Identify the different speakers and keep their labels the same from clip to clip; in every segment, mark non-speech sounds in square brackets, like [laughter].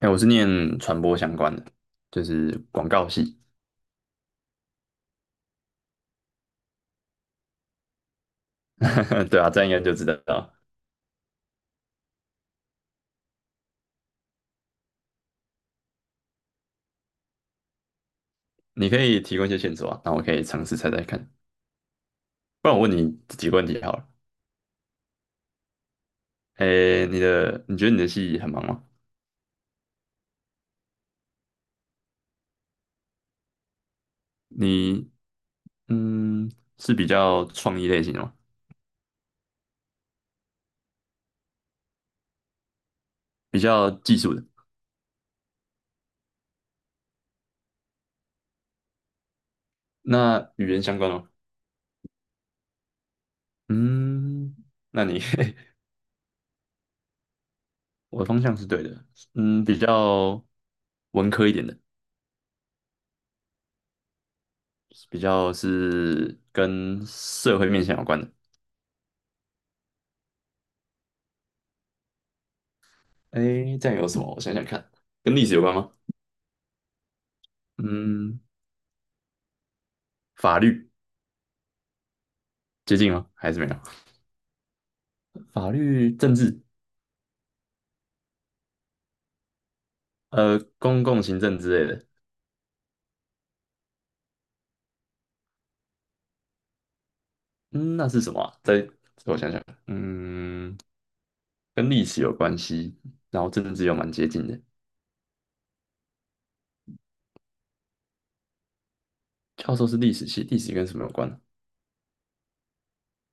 Speaker 1: 哎、我是念传播相关的，就是广告系。[laughs] 对啊，这样应该就知道。你可以提供一些线索啊，那我可以尝试猜猜看。不然我问你几个问题好了。哎、你觉得你的系很忙吗？你嗯是比较创意类型的吗？比较技术的？那语言相关吗？嗯，那你 [laughs] 我的方向是对的。嗯，比较文科一点的，比较是跟社会面向有关的。哎，这样有什么？我想想看，跟历史有关吗？嗯，法律接近吗？还是没有？法律、政治，公共行政之类的。嗯，那是什么啊？我想想，嗯，跟历史有关系，然后政治又蛮接近的。教授是历史系，历史跟什么有关呢？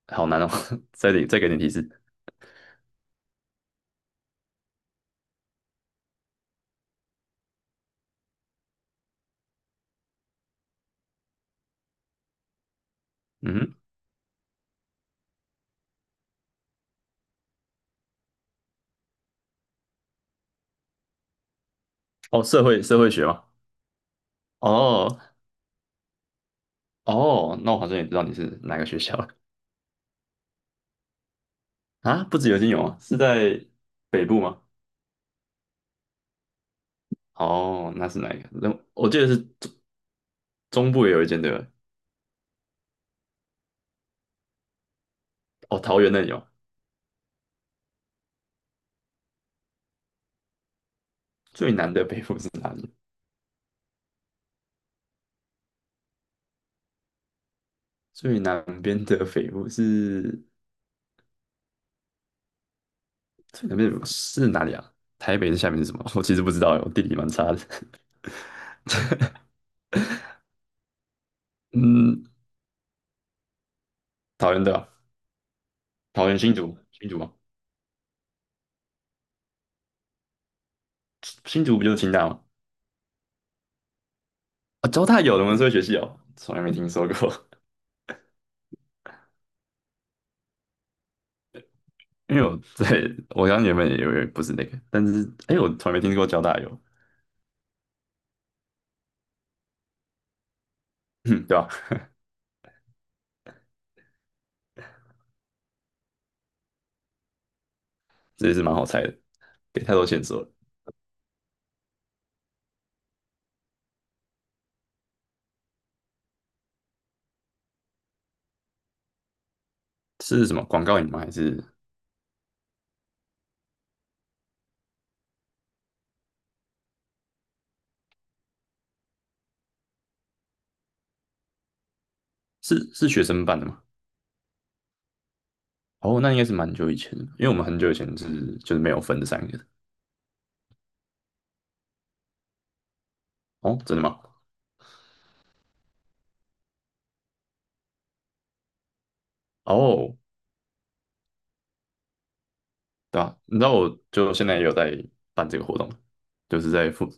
Speaker 1: 好难哦，[laughs] 再给点提示。嗯，哦，社会学吗？哦哦，那我好像也知道你是哪个学校了。啊？不止有金融啊，是在北部吗？哦，那是哪一个？那我记得是中部也有一间对吧？哦，桃园那里有。最南的北部是哪里？最南边的北部是最南边的北部是哪里啊？台北的下面是什么？[laughs] 我其实不知道欸，我地理蛮差的。[laughs] 嗯，桃园对吧？桃园新竹，新竹吗？新竹不就是清大吗？啊、交大有人文社会学系哦，从来没听说过。[laughs] 因为我刚原本也以为不是那个，但是哎，我从来没听过交大有，[laughs] 嗯，对吧？这也是蛮好猜的，给太多线索了。是什么广告影吗？还是？是学生办的吗？哦，那应该是蛮久以前的，因为我们很久以前就是没有分这三个的。哦，真的吗？哦，对啊，你知道我就现在也有在办这个活动，就是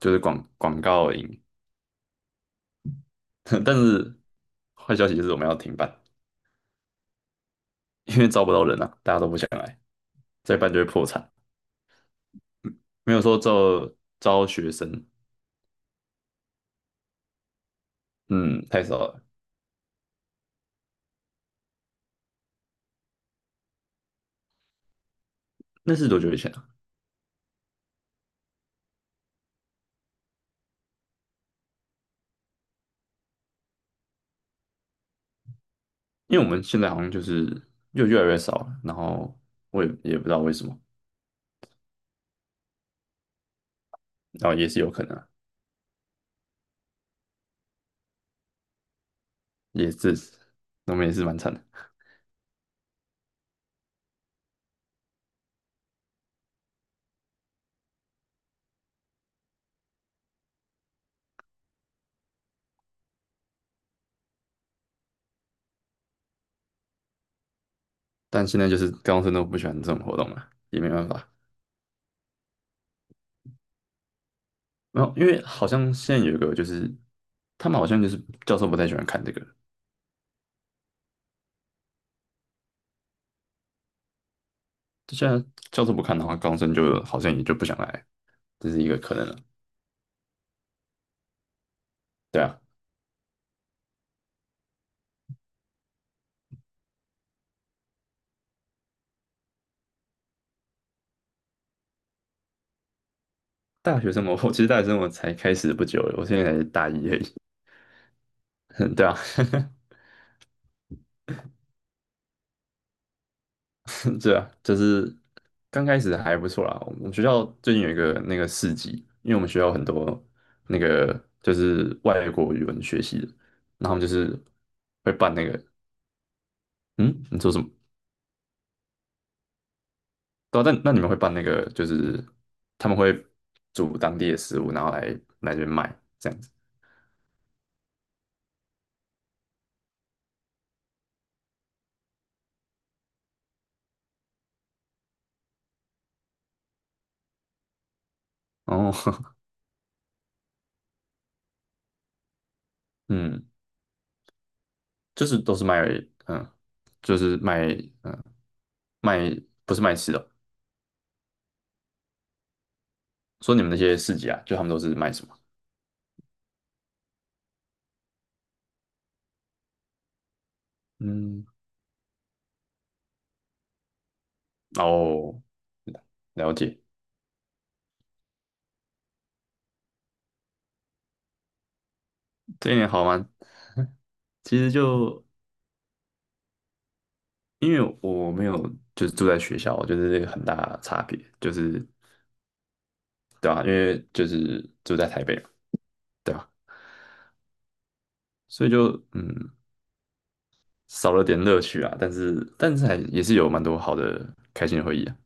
Speaker 1: 就是广告营，[laughs] 但是坏消息就是我们要停办，因为招不到人啊，大家都不想来，再办就会破产。没有说招学生，嗯，太少了。那是多久以前啊？因为我们现在好像就是又越来越少了，然后我也不知道为什么，然后也是有可能啊也是，我们也是蛮惨的。但现在就是高中生都不喜欢这种活动了，也没办法。然后因为好像现在有一个就是，他们好像就是教授不太喜欢看这个，就现在教授不看的话，高中生就好像也就不想来，这是一个可能了。对啊，大学生活，我其实大学生活才开始不久了，我现在才大一而已。[laughs] 对啊，[laughs] [laughs] 对啊，就是刚开始还不错啦。我们学校最近有一个那个市集，因为我们学校很多那个就是外国语文学系的，然后他们就是会办那个，嗯，你说什么？对啊，但那你们会办那个，就是他们会煮当地的食物，然后来这边卖这样子。哦，[laughs] 嗯，就是都是卖，嗯，就是卖，嗯，卖不是卖吃的哦。说你们那些市集啊，就他们都是卖什么？嗯，哦。了解，这一点好吗？其实就因为我没有就是住在学校，我觉得这个很大的差别，就是对吧、因为就是住在台北嘛，对吧、所以就少了点乐趣啊，但是还也是有蛮多好的开心的回忆啊。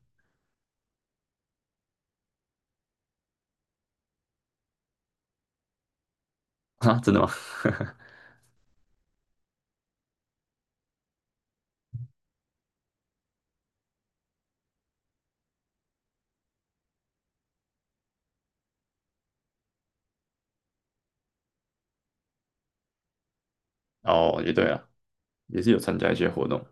Speaker 1: [laughs] 啊，真的吗？[laughs] 哦，也对啊，也是有参加一些活动，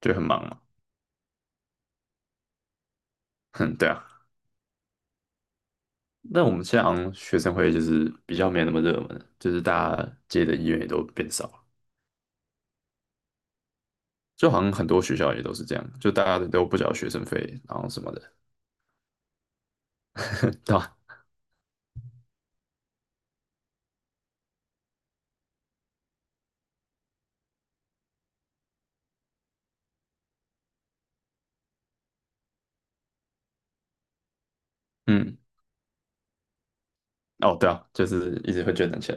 Speaker 1: 就很忙嘛。哼，对啊。那我们现在好像学生会就是比较没那么热门，就是大家接的意愿也都变少了。就好像很多学校也都是这样，就大家都不缴学生费，然后什么的，对吧？嗯，哦，对啊，就是一直会捐点钱。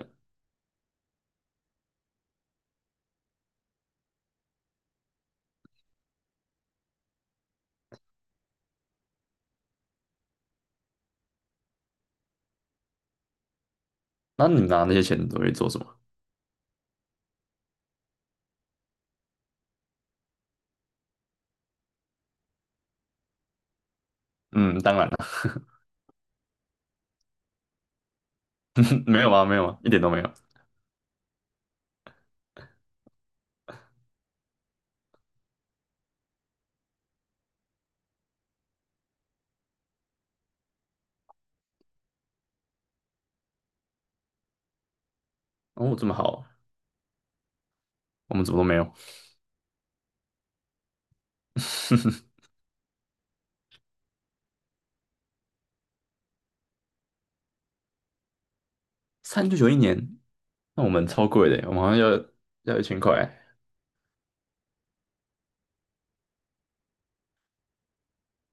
Speaker 1: 那你拿那些钱都会做什么？嗯，当然了，[laughs] 没有啊，没有啊，一点都没有。哦，这么好，我们怎么都没有。[laughs] 399一年？那我们超贵的，我们好像要1000块。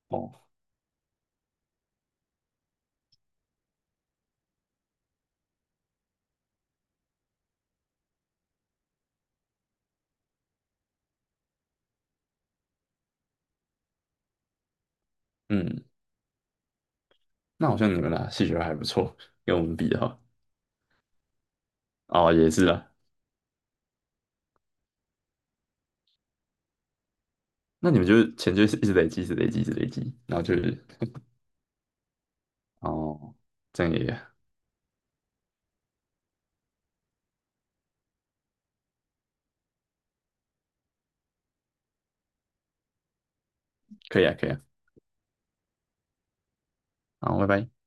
Speaker 1: 哦，嗯，那好像你们啦，戏学还不错，跟我们比的话，哦，也是啊。那你们就是钱就是一直累积，一直累积，一直累积，然后就是哦，这样也可以啊，可以啊。好，拜拜。